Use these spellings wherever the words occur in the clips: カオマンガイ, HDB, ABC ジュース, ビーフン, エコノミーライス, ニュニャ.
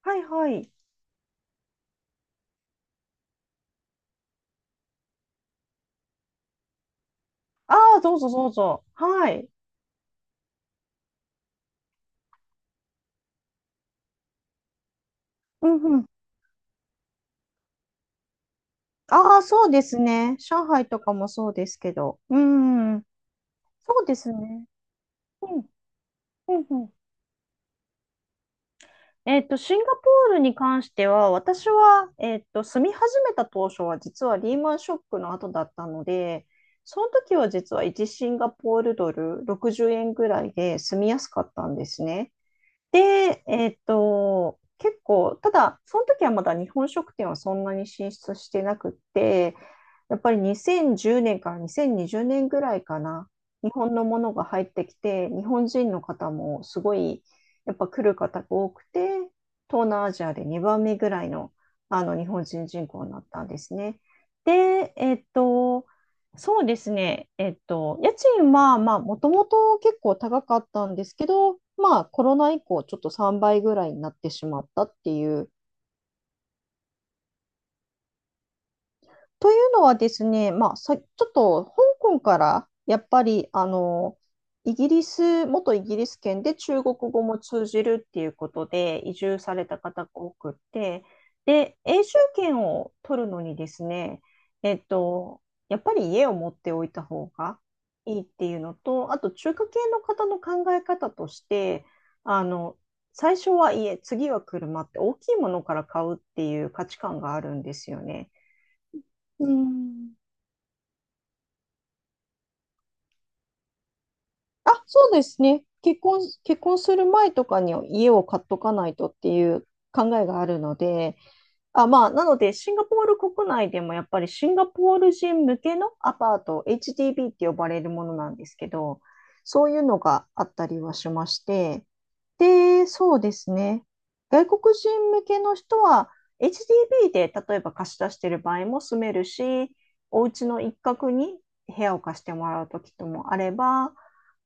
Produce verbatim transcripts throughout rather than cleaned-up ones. はいはい。ああ、どうぞどうぞ。はい。うんうん。ああ、そうですね。上海とかもそうですけど。うん。そうですね。うん。うんうん。えっと、シンガポールに関しては、私は、えっと、住み始めた当初は、実はリーマンショックの後だったので、その時は実はいちシンガポールドルろくじゅうえんぐらいで住みやすかったんですね。で、えっと、結構、ただ、その時はまだ日本食店はそんなに進出してなくって、やっぱりにせんじゅうねんからにせんにじゅうねんぐらいかな、日本のものが入ってきて、日本人の方もすごい、やっぱ来る方が多くて、東南アジアでにばんめぐらいの、あの日本人人口になったんですね。で、えっと、そうですね。えっと、家賃は、まあ、もともと結構高かったんですけど、まあ、コロナ以降、ちょっとさんばいぐらいになってしまったっていうというのはですね、まあ、さ、ちょっと香港からやっぱりあのイギリス、元イギリス圏で中国語も通じるっていうことで移住された方が多くって、で、永住権を取るのにですね、えっと、やっぱり家を持っておいた方がいいっていうのと、あと中華系の方の考え方として、あの、最初は家、次は車って大きいものから買うっていう価値観があるんですよね。うん、あ、そうですね。結婚、結婚する前とかに家を買っとかないとっていう考えがあるので、あ、まあ、なので、シンガポール国内でもやっぱりシンガポール人向けのアパート、エイチディービー って呼ばれるものなんですけど、そういうのがあったりはしまして、で、そうですね。外国人向けの人は、エイチディービー で例えば貸し出してる場合も住めるし、お家の一角に部屋を貸してもらうときともあれば、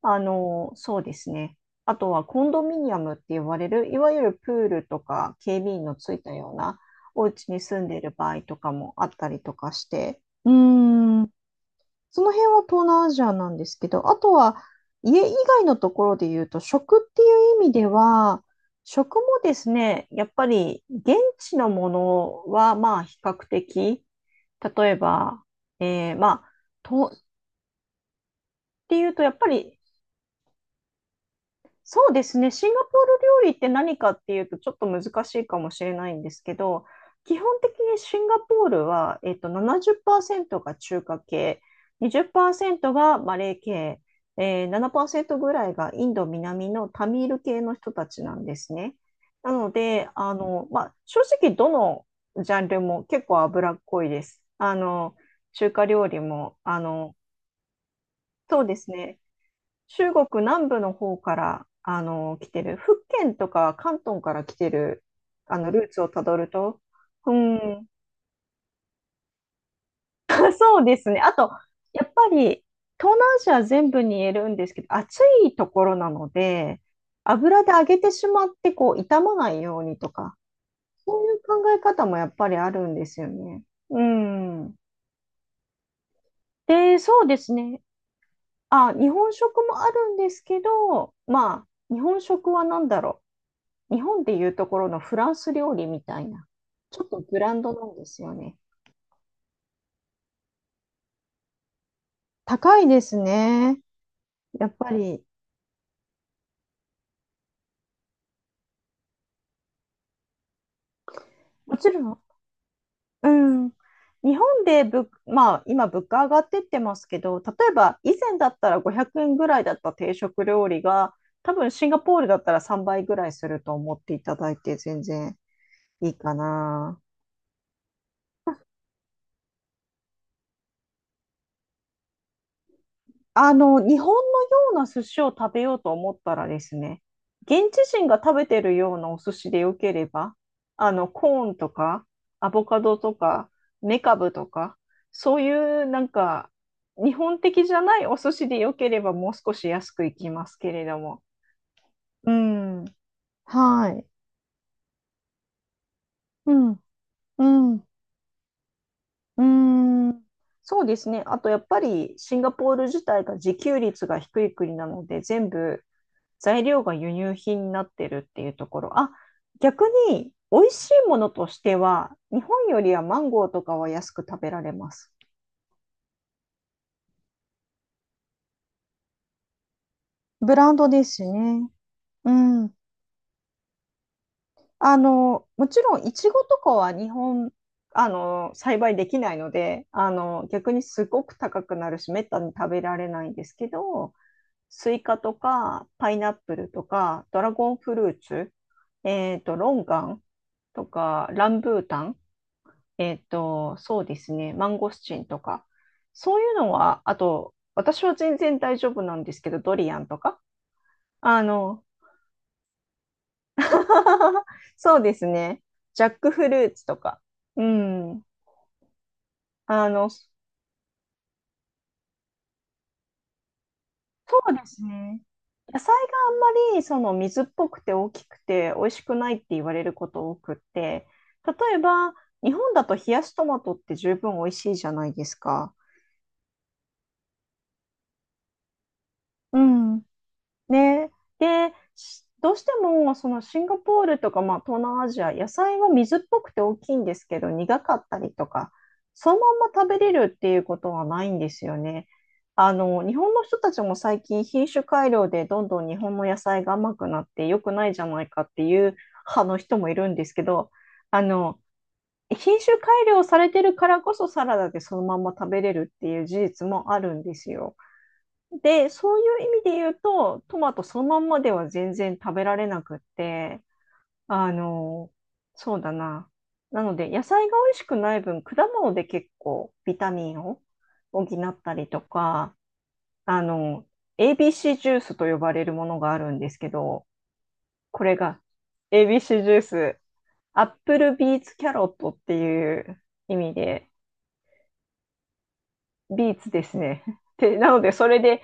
あの、そうですね。あとはコンドミニアムって呼ばれる、いわゆるプールとか警備員のついたような、お家に住んでいる場合とかもあったりとかして、うーん。その辺は東南アジアなんですけど、あとは家以外のところで言うと、食っていう意味では、食もですね、やっぱり現地のものはまあ比較的、例えば、えーまあ、とっていうと、やっぱりそうですね。シンガポール料理って何かっていうとちょっと難しいかもしれないんですけど、基本的にシンガポールは、えっと、ななじゅうパーセントが中華系、にじゅっパーセントがマレー系、えー、ななパーセントぐらいがインド南のタミール系の人たちなんですね。なので、あの、まあ、正直どのジャンルも結構脂っこいです。あの、中華料理も、あの、そうですね。中国南部の方からあの来てる、福建とか広東から来てるあのルーツをたどると、うん、そうですね。あと、やっぱり東南アジア全部に言えるんですけど、暑いところなので、油で揚げてしまってこう傷まないようにとか、そういう考え方もやっぱりあるんですよね。うん。で、そうですね。あ、日本食もあるんですけど、まあ、日本食は何だろう。日本でいうところのフランス料理みたいな、ちょっとブランドなんですよね。高いですね。やっぱり。もちろん、うん。日本でぶ、まあ、今物価上がってってますけど、例えば以前だったらごひゃくえんぐらいだった定食料理が、多分シンガポールだったらさんばいぐらいすると思っていただいて全然いいかな。あの、日本のような寿司を食べようと思ったらですね、現地人が食べてるようなお寿司でよければ、あの、コーンとか、アボカドとか、メカブとか、そういうなんか、日本的じゃないお寿司でよければ、もう少し安くいきますけれども。うん。はい。うん。うん。うーん。そうですね。あと、やっぱり、シンガポール自体が自給率が低い国なので、全部、材料が輸入品になってるっていうところ。あ、逆に美味しいものとしては、日本よりはマンゴーとかは安く食べられます。ブランドですね。うん。あの、もちろん、いちごとかは日本、あの、栽培できないので、あの、逆にすごく高くなるし、めったに食べられないんですけど、スイカとか、パイナップルとか、ドラゴンフルーツ、えっと、ロンガンとか、ランブータン、えっと、そうですね、マンゴスチンとか、そういうのは、あと、私は全然大丈夫なんですけど、ドリアンとか、あの、そうですね、ジャックフルーツとか、うん、あの、そうですね、野菜があんまりその水っぽくて大きくて美味しくないって言われること多くって、例えば、日本だと冷やしトマトって十分美味しいじゃないですか。うん。ね。で、しどうしてもそのシンガポールとか、まあ、東南アジア、野菜は水っぽくて大きいんですけど、苦かったりとか、そのまんま食べれるっていうことはないんですよね。あの、日本の人たちも最近品種改良でどんどん日本の野菜が甘くなって良くないじゃないかっていう派の人もいるんですけど、あの、品種改良されてるからこそサラダでそのまんま食べれるっていう事実もあるんですよ。で、そういう意味で言うと、トマトそのまんまでは全然食べられなくって、あの、そうだな。なので、野菜が美味しくない分、果物で結構ビタミンを補ったりとか、あの、エービーシー ジュースと呼ばれるものがあるんですけど、これが エービーシー ジュース、アップルビーツキャロットっていう意味で、ビーツですね。で、なので、それで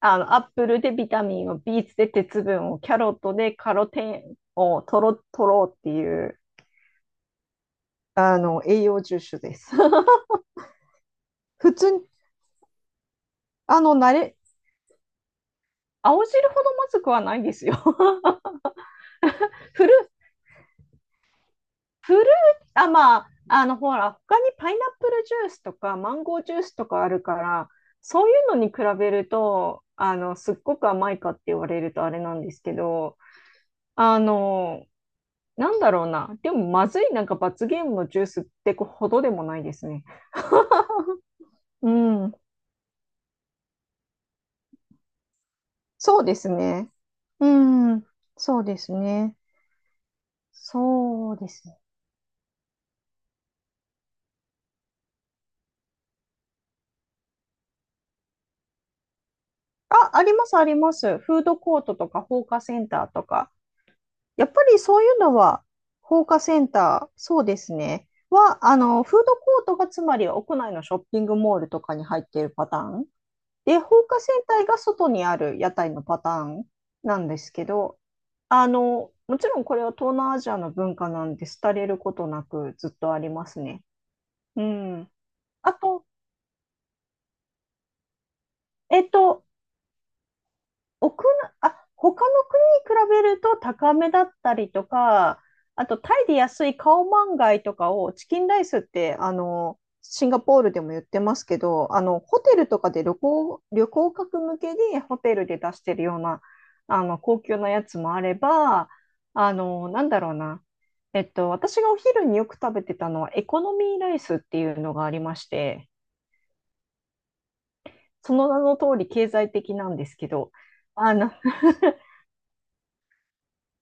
あの、アップルでビタミンを、ビーツで鉄分を、キャロットでカロテンを取ろ、取ろうっていう、あの、栄養重視です。普通に、あの、慣れ、青汁ほどまずくはないですよ。フル、フル、あ、まあ、あの、ほら、他にパイナップルジュースとか、マンゴージュースとかあるから、そういうのに比べると、あの、すっごく甘いかって言われるとあれなんですけど、あの、なんだろうな。でも、まずいなんか罰ゲームのジュースってほどでもないですね。うん。そうですね。うん、そうですね。そうですね。あ、あります、あります。フードコートとか放火センターとか。やっぱりそういうのは、放火センター、そうですね。は、あの、フードコートがつまり屋内のショッピングモールとかに入っているパターン。で、放火船体が外にある屋台のパターンなんですけど、あの、もちろんこれは東南アジアの文化なんで、廃れることなくずっとありますね。うん。あと、えっと、奥な、あ、他の国に比べると高めだったりとか、あとタイで安いカオマンガイとかをチキンライスって、あの、シンガポールでも言ってますけど、あの、ホテルとかで旅行、旅行客向けにホテルで出してるような、あの、高級なやつもあれば、あの、なんだろうな。えっと、私がお昼によく食べてたのはエコノミーライスっていうのがありまして、その名の通り経済的なんですけど、あの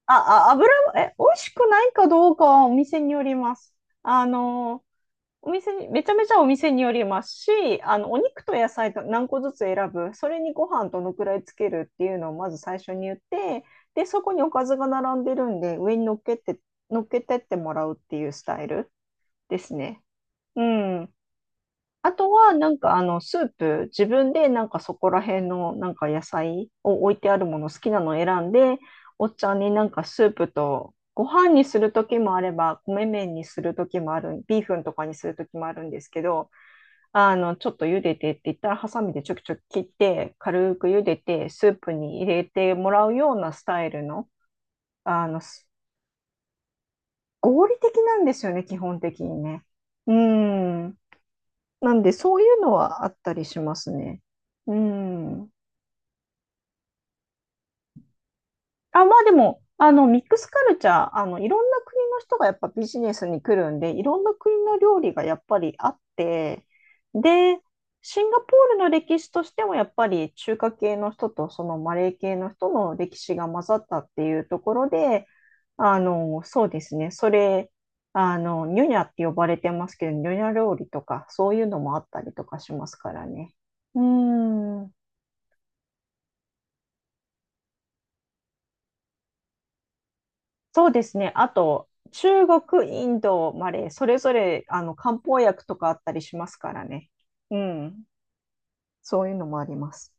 あ、あ、油も、え、美味しくないかどうかはお店によります。あの、お店に、めちゃめちゃお店によりますし、あの、お肉と野菜と何個ずつ選ぶ、それにご飯どのくらいつけるっていうのをまず最初に言って、で、そこにおかずが並んでるんで、上に乗っけて、乗っけてってもらうっていうスタイルですね。うん。あとは、なんかあの、スープ、自分でなんかそこら辺のなんか野菜を置いてあるもの好きなのを選んで、おっちゃんになんかスープとご飯にする時もあれば、米麺にする時もある、ビーフンとかにする時もあるんですけど、あの、ちょっと茹でてって言ったら、ハサミでちょきちょき切って、軽く茹でて、スープに入れてもらうようなスタイルの、あの、合理的なんですよね、基本的にね。うん。なんで、そういうのはあったりしますね。うん。あ、まあでも、あの、ミックスカルチャー、あの、いろんな国の人がやっぱビジネスに来るんで、いろんな国の料理がやっぱりあって、で、シンガポールの歴史としてもやっぱり中華系の人とそのマレー系の人の歴史が混ざったっていうところで、あの、そうですね、それ、あの、ニュニャって呼ばれてますけど、ニュニャ料理とか、そういうのもあったりとかしますからね。うーん。そうですね。あと、中国、インド、マレー、それぞれ、あの、漢方薬とかあったりしますからね。うん。そういうのもあります。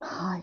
はい。